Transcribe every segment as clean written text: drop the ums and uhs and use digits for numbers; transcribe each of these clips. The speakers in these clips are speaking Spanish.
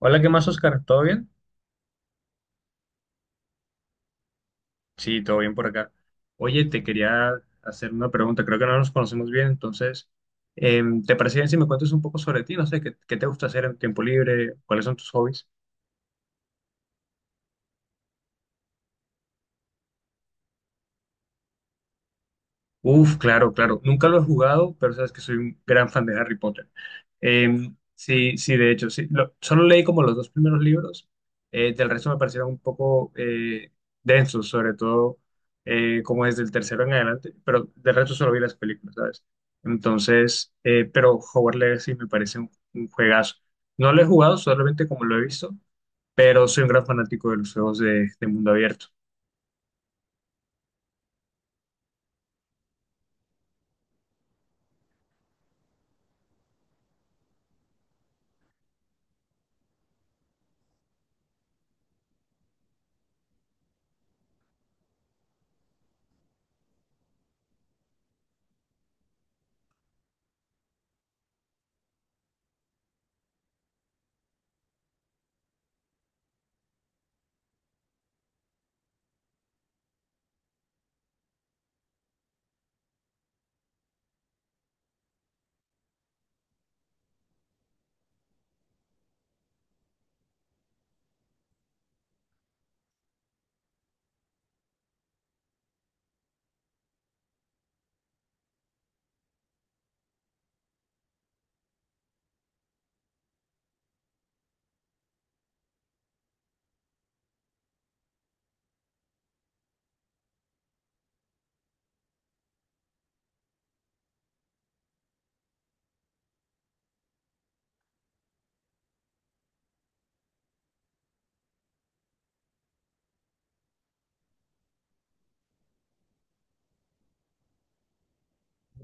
Hola, ¿qué más, Oscar? ¿Todo bien? Sí, todo bien por acá. Oye, te quería hacer una pregunta. Creo que no nos conocemos bien, entonces, ¿te parece bien si me cuentas un poco sobre ti? No sé, ¿qué te gusta hacer en tiempo libre? ¿Cuáles son tus hobbies? Uf, claro, claro. Nunca lo he jugado, pero sabes que soy un gran fan de Harry Potter. Sí, sí, de hecho, sí. Solo leí como los dos primeros libros. Del resto me parecieron un poco densos, sobre todo como desde el tercero en adelante, pero del resto solo vi las películas, ¿sabes? Entonces, pero Hogwarts Legacy me parece un juegazo. No lo he jugado, solamente como lo he visto, pero soy un gran fanático de los juegos de mundo abierto.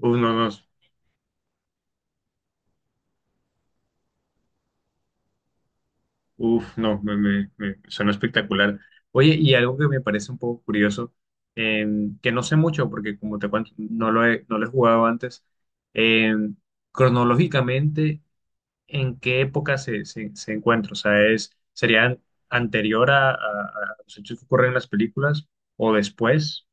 Uno, uf, no, suena espectacular. Oye, y algo que me parece un poco curioso, eh, que no sé mucho porque, como te cuento, no lo he jugado antes, eh, cronológicamente, ¿en qué época se encuentra? O sea, es, ¿sería anterior a los hechos que ocurren en las películas o después?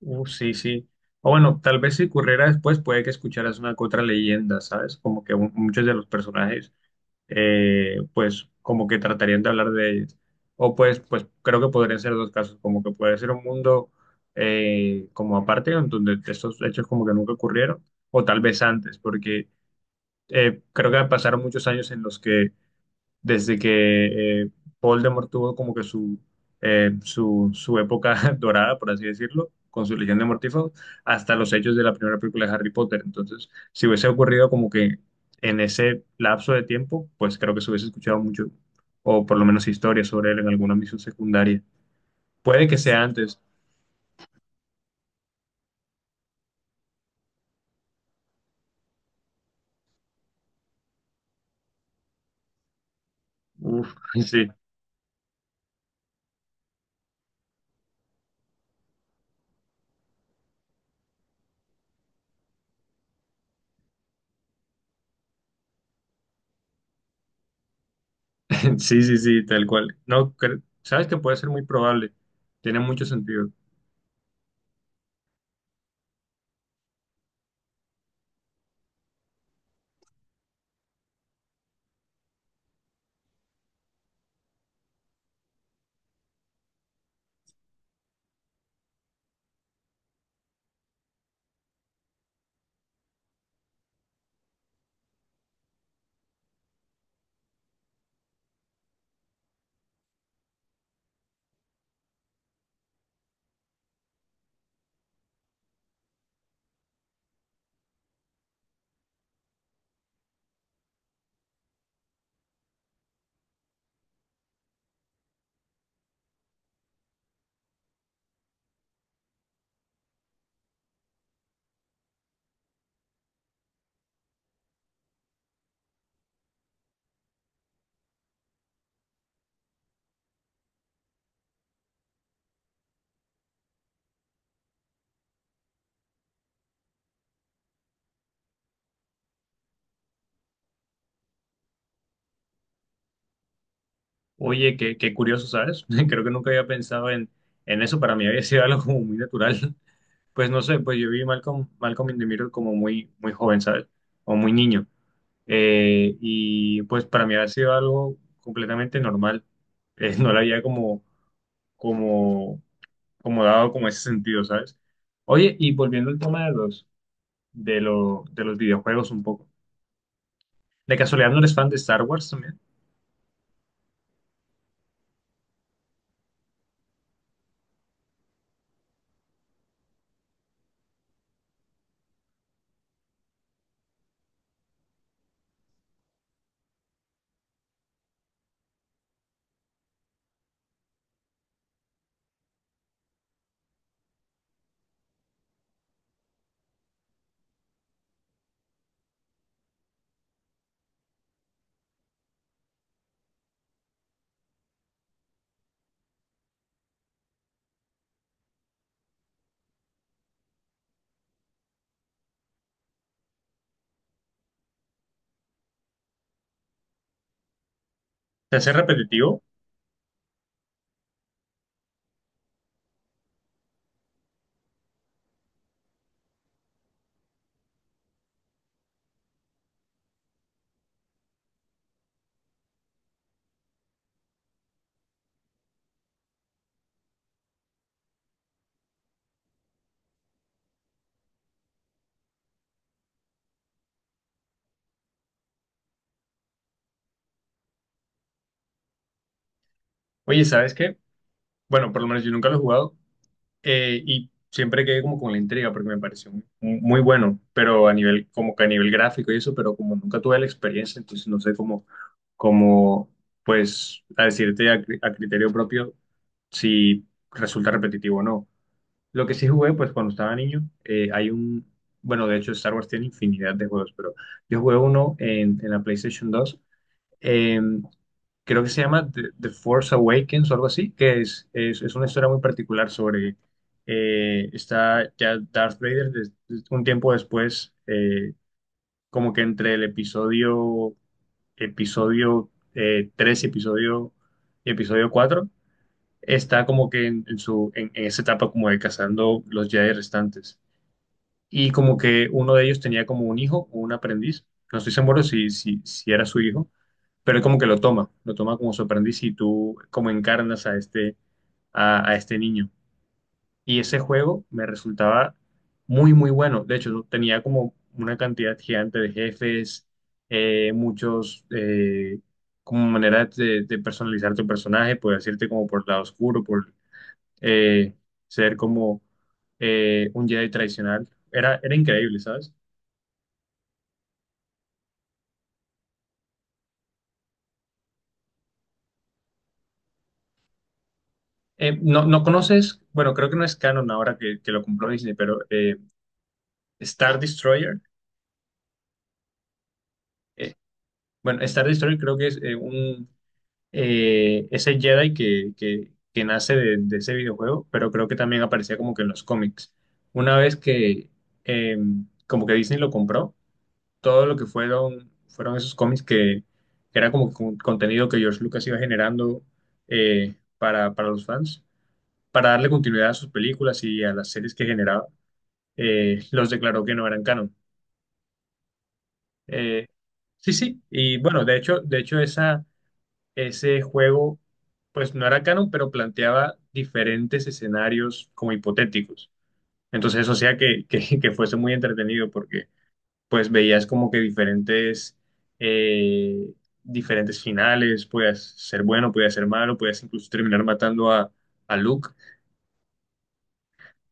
Uf, sí, sí. O bueno, tal vez si ocurriera después, puede que escucharas una que otra leyenda, ¿sabes? Como que muchos de los personajes, pues como que tratarían de hablar de ellas. O pues, pues creo que podrían ser dos casos, como que puede ser un mundo como aparte, en donde estos hechos como que nunca ocurrieron, o tal vez antes, porque creo que pasaron muchos años en los que desde que Voldemort tuvo como que su, su época dorada, por así decirlo, con su Legión de Mortífagos, hasta los hechos de la primera película de Harry Potter. Entonces, si hubiese ocurrido como que en ese lapso de tiempo, pues creo que se hubiese escuchado mucho, o por lo menos historias sobre él en alguna misión secundaria. Puede que sea antes. Uf, sí, sí, sí, sí, tal cual. No, sabes que puede ser muy probable. Tiene mucho sentido. Oye, qué curioso, ¿sabes? Creo que nunca había pensado en eso. Para mí había sido algo como muy natural. Pues no sé, pues yo vi Malcolm, Malcolm in the Middle como muy, muy joven, ¿sabes? O muy niño. Y pues para mí había sido algo completamente normal. No le había como, como dado como ese sentido, ¿sabes? Oye, y volviendo al tema de los videojuegos un poco. ¿De casualidad no eres fan de Star Wars también? ¿Te hace repetitivo? Oye, ¿sabes qué? Bueno, por lo menos yo nunca lo he jugado. Y siempre quedé como con la intriga porque me pareció muy, muy bueno, pero a nivel, como que a nivel gráfico y eso, pero como nunca tuve la experiencia, entonces no sé cómo, cómo pues, a decirte a, a criterio propio si resulta repetitivo o no. Lo que sí jugué, pues cuando estaba niño, hay un, bueno, de hecho Star Wars tiene infinidad de juegos, pero yo jugué uno en la PlayStation dos, eh, creo que se llama The Force Awakens o algo así, que es una historia muy particular sobre, está ya Darth Vader un tiempo después, como que entre el episodio 3 y episodio cuatro, está como que en esa etapa como de cazando los Jedi restantes. Y como que uno de ellos tenía como un hijo, un aprendiz, no estoy seguro si era su hijo, pero él como que lo toma como su aprendiz y tú como encarnas a este, a este niño. Y ese juego me resultaba muy, muy bueno. De hecho, yo tenía como una cantidad gigante de jefes, muchos, como maneras de personalizar tu personaje. Puedes irte como por el lado oscuro, por eh, ser como un Jedi tradicional. Era, era increíble, ¿sabes? No conoces, bueno, creo que no es canon ahora que lo compró Disney, pero Star Destroyer, eh, bueno, Star Destroyer creo que es un, ese Jedi que nace de ese videojuego, pero creo que también aparecía como que en los cómics. Una vez que eh, como que Disney lo compró, todo lo que fueron, fueron esos cómics que era como que un contenido que George Lucas iba generando, para los fans, para darle continuidad a sus películas y a las series que generaba, los declaró que no eran canon. Eh, sí, sí, y bueno, de hecho esa, ese juego, pues no era canon, pero planteaba diferentes escenarios como hipotéticos. Entonces eso hacía que fuese muy entretenido porque pues veías como que diferentes, eh, diferentes finales. Podías ser bueno, podías ser malo, podías incluso terminar matando a Luke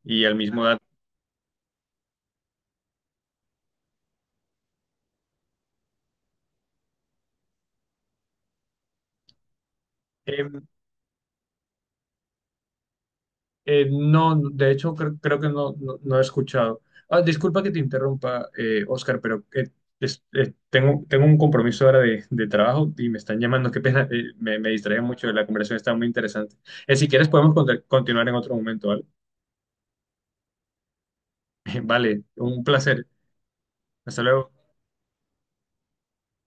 y al mismo dato. No, de hecho creo que no, no, no he escuchado. Ah, disculpa que te interrumpa, Oscar, pero tengo un compromiso ahora de trabajo y me están llamando. Qué pena, me distraía mucho, la conversación está muy interesante. Si quieres podemos continuar en otro momento, ¿vale? Vale, un placer. Hasta luego.